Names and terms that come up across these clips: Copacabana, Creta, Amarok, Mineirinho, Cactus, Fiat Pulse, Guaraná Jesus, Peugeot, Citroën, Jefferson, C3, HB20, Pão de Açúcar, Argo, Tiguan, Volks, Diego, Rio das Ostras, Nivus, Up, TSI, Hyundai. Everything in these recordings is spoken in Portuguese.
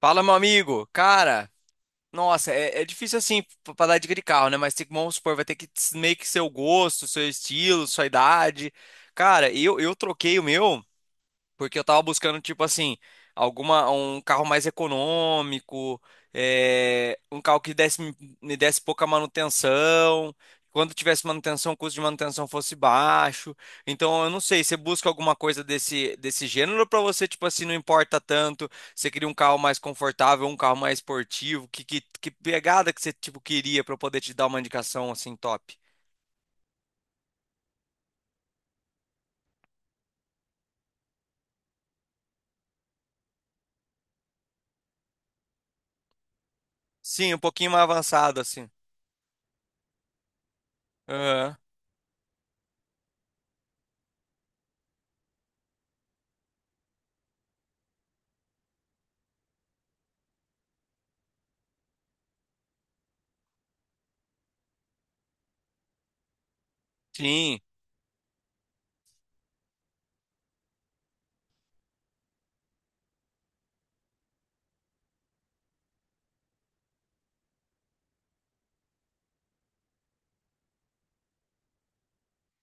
Fala, meu amigo. Cara, nossa, é difícil assim pra dar dica de carro, né? Mas tem que, vamos supor, vai ter que meio que seu gosto, seu estilo, sua idade. Cara, eu troquei o meu. Porque eu tava buscando, tipo assim, um carro mais econômico, um carro que me desse pouca manutenção. Quando tivesse manutenção, o custo de manutenção fosse baixo. Então, eu não sei, você busca alguma coisa desse gênero pra você, tipo assim, não importa tanto. Você queria um carro mais confortável, um carro mais esportivo. Que pegada que você, tipo, queria pra eu poder te dar uma indicação, assim, top? Sim, um pouquinho mais avançado, assim. Aham. Sim.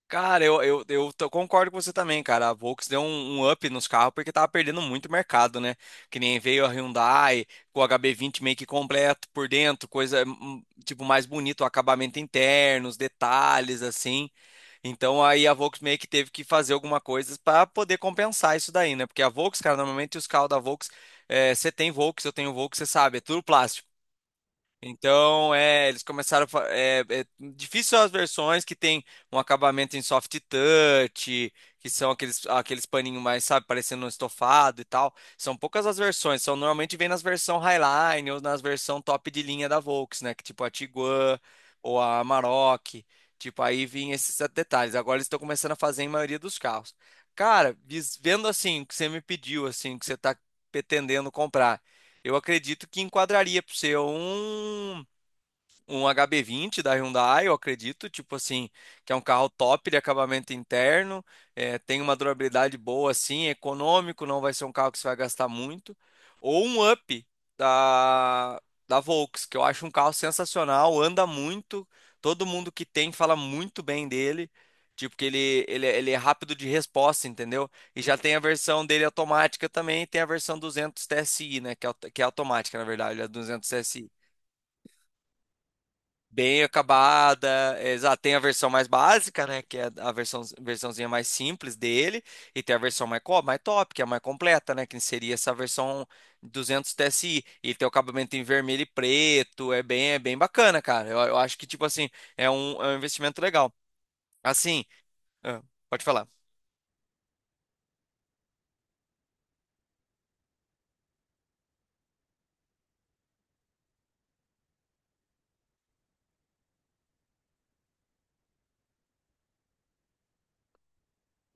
Cara, concordo com você também, cara. A Volks deu um up nos carros porque tava perdendo muito mercado, né? Que nem veio a Hyundai com o HB20 meio que completo por dentro, coisa tipo mais bonito, o acabamento interno, os detalhes assim. Então aí a Volks meio que teve que fazer alguma coisa para poder compensar isso daí, né? Porque a Volks, cara, normalmente os carros da Volks, você tem Volks, eu tenho Volks, você sabe, é tudo plástico. Então, eles começaram é difícil as versões que tem um acabamento em soft touch, que são aqueles paninhos mais, sabe, parecendo um estofado e tal. São poucas as versões, são normalmente vem nas versão Highline ou nas versão top de linha da Volks, né, que tipo a Tiguan ou a Amarok, tipo aí vinha esses detalhes. Agora eles estão começando a fazer em maioria dos carros. Cara, vendo assim o que você me pediu, assim, o que você está pretendendo comprar. Eu acredito que enquadraria para você um HB20 da Hyundai, eu acredito, tipo assim, que é um carro top de acabamento interno, tem uma durabilidade boa, assim, é econômico, não vai ser um carro que você vai gastar muito. Ou um Up da, da Volks, que eu acho um carro sensacional, anda muito, todo mundo que tem fala muito bem dele. Tipo, que ele é rápido de resposta, entendeu? E já tem a versão dele automática também, e tem a versão 200 TSI, né? Que é automática, na verdade, ele é 200 TSI bem acabada. Exato, tem a versão mais básica, né? Que é a versão, versãozinha mais simples dele. E tem a versão mais, mais top, que é a mais completa, né? Que seria essa versão 200 TSI. E tem o acabamento em vermelho e preto. É bem bacana, cara. Eu acho que, tipo assim, é é um investimento legal. Assim, ah, pode falar.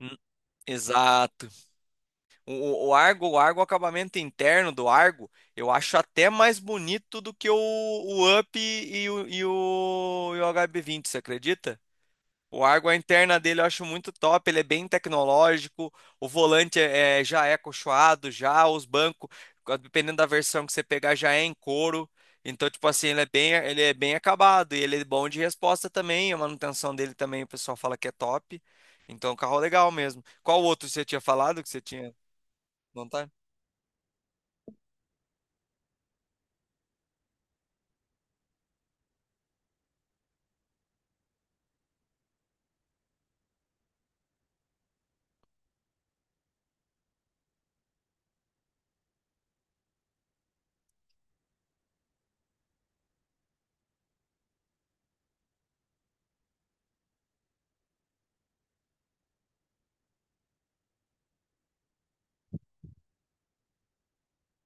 Hum, Exato. O Argo, o acabamento interno do Argo, eu acho até mais bonito do que o Up e e o HB20, você acredita? O Argo, a interna dele eu acho muito top, ele é bem tecnológico, o volante já é acolchoado, já os bancos, dependendo da versão que você pegar, já é em couro. Então, tipo assim, ele é bem, acabado e ele é bom de resposta também, a manutenção dele também, o pessoal fala que é top. Então, é um carro é legal mesmo. Qual outro você tinha falado que você tinha? Não tem?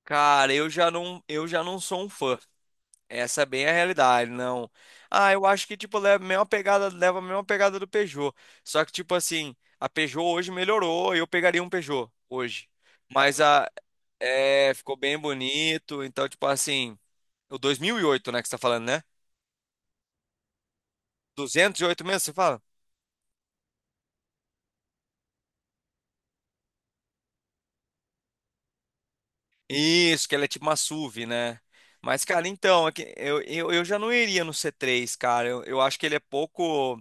Cara, eu já não sou um fã. Essa é bem a realidade, não. Ah, eu acho que tipo leva a mesma pegada, leva a mesma pegada do Peugeot. Só que tipo assim, a Peugeot hoje melhorou, eu pegaria um Peugeot hoje. Mas a Ficou bem bonito, então tipo assim, o 2008 né, que você tá falando, né? 208 mesmo, você fala? Isso, que ela é tipo uma SUV, né? Mas, cara, então, é que eu já não iria no C3, cara. Eu acho que ele é pouco.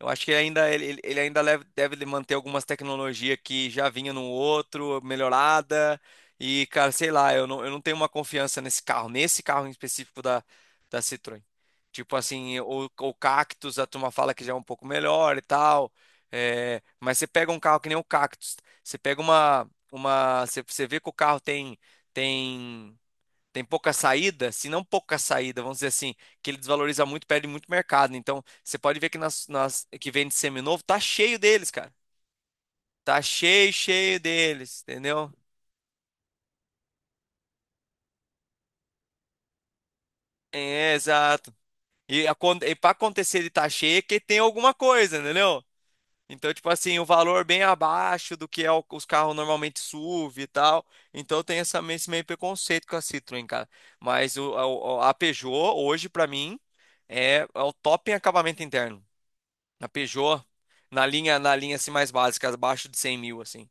Eu acho que ele ainda deve manter algumas tecnologias que já vinha no outro, melhorada. E, cara, sei lá, eu não tenho uma confiança nesse carro, em específico da Citroën. Tipo assim, o Cactus, a turma fala que já é um pouco melhor e tal. É, mas você pega um carro que nem o Cactus, você pega você vê que o carro tem, tem tem pouca saída, se não pouca saída, vamos dizer assim, que ele desvaloriza muito, perde muito mercado. Então, você pode ver que nas que vende seminovo, tá cheio deles, cara. Tá cheio, cheio deles, entendeu? É, exato. E, para acontecer de tá cheio é que tem alguma coisa, entendeu? Então, tipo assim, o valor bem abaixo do que é os carros normalmente SUV e tal. Então tem esse meio preconceito com a Citroën, cara. Mas a Peugeot, hoje, pra mim, é o top em acabamento interno. Na Peugeot, na linha assim mais básica, abaixo de 100 mil, assim.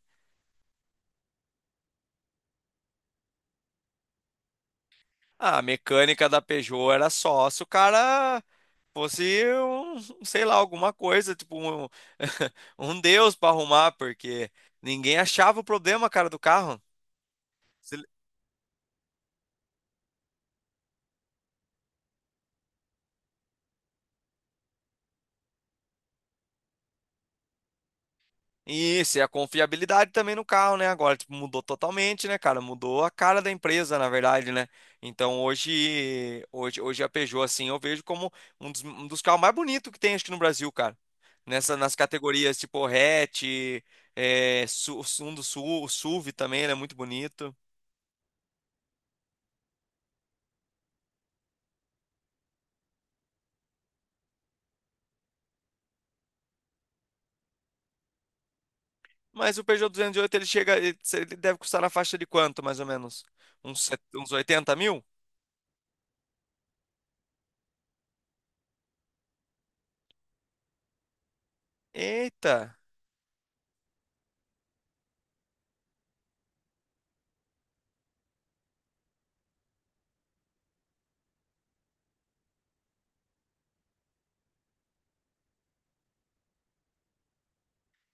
Ah, a mecânica da Peugeot era só se o cara fosse um, sei lá, alguma coisa, tipo um, um deus para arrumar, porque ninguém achava o problema, cara, do carro. Isso, e a confiabilidade também no carro, né? Agora, tipo, mudou totalmente, né, cara? Mudou a cara da empresa, na verdade, né? Então, hoje, hoje, hoje a Peugeot, assim, eu vejo como um dos carros mais bonitos que tem, acho que no Brasil, cara. Nas categorias, tipo, hatch, um do sul o SUV também, ele é muito bonito. Mas o Peugeot 208, ele chega, ele deve custar na faixa de quanto, mais ou menos? Uns 80 mil? Eita!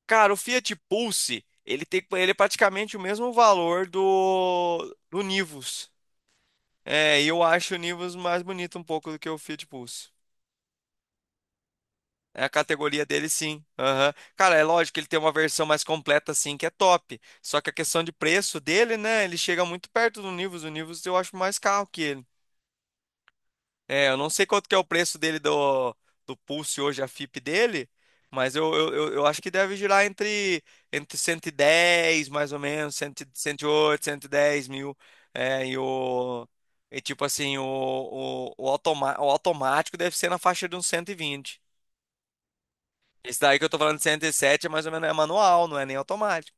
Cara, o Fiat Pulse, ele tem, ele é praticamente o mesmo valor do Nivus. É, e eu acho o Nivus mais bonito um pouco do que o Fiat Pulse. É a categoria dele, sim. Aham. Cara, é lógico que ele tem uma versão mais completa, assim, que é top. Só que a questão de preço dele, né? Ele chega muito perto do Nivus. O Nivus eu acho mais caro que ele. É, eu não sei quanto que é o preço dele do Pulse hoje, a FIP dele, mas eu acho que deve girar entre 110 mais ou menos, cem, 108 110 mil. É, e o. E tipo assim, o automático deve ser na faixa de uns 120. Esse daí que eu tô falando de 107 é mais ou menos é manual, não é nem automático.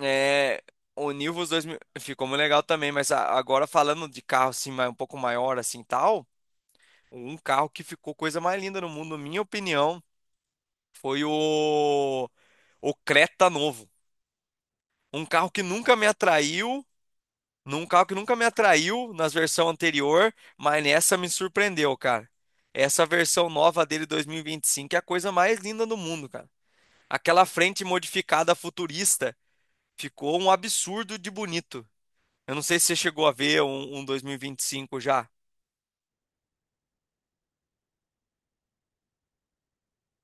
É, o Nivus 2000 ficou muito legal também, mas agora falando de carro assim, um pouco maior assim, tal. Um carro que ficou coisa mais linda no mundo, na minha opinião, foi o Creta novo. Um carro que nunca me atraiu, num carro que nunca me atraiu nas versões anterior, mas nessa me surpreendeu, cara. Essa versão nova dele 2025 é a coisa mais linda do mundo, cara. Aquela frente modificada futurista ficou um absurdo de bonito. Eu não sei se você chegou a ver um 2025 já.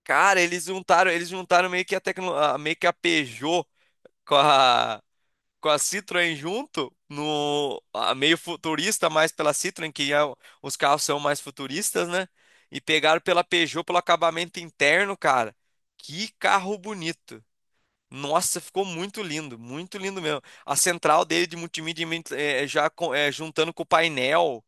Cara, eles juntaram meio que meio que a Peugeot com a com a Citroën junto, no a meio futurista, mais pela Citroën, que é os carros são mais futuristas, né? E pegaram pela Peugeot pelo acabamento interno, cara. Que carro bonito. Nossa, ficou muito lindo mesmo. A central dele de multimídia já juntando com o painel,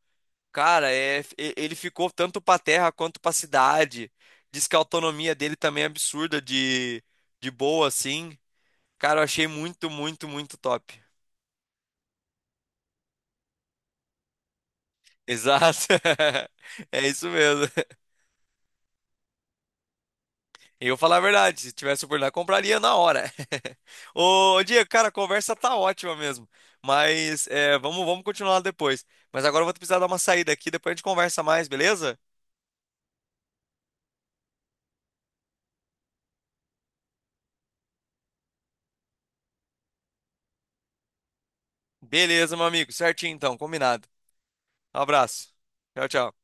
cara, ele ficou tanto para terra quanto para cidade. Diz que a autonomia dele também é absurda de boa, assim. Cara, eu achei muito, muito, muito top. Exato. É isso mesmo. Eu falar a verdade, se tivesse oportunidade, compraria na hora. Ô, Diego, cara, a conversa tá ótima mesmo. Mas vamos continuar depois. Mas agora eu vou precisar dar uma saída aqui, depois a gente conversa mais, beleza? Beleza, meu amigo. Certinho então, combinado. Um abraço. Tchau, tchau.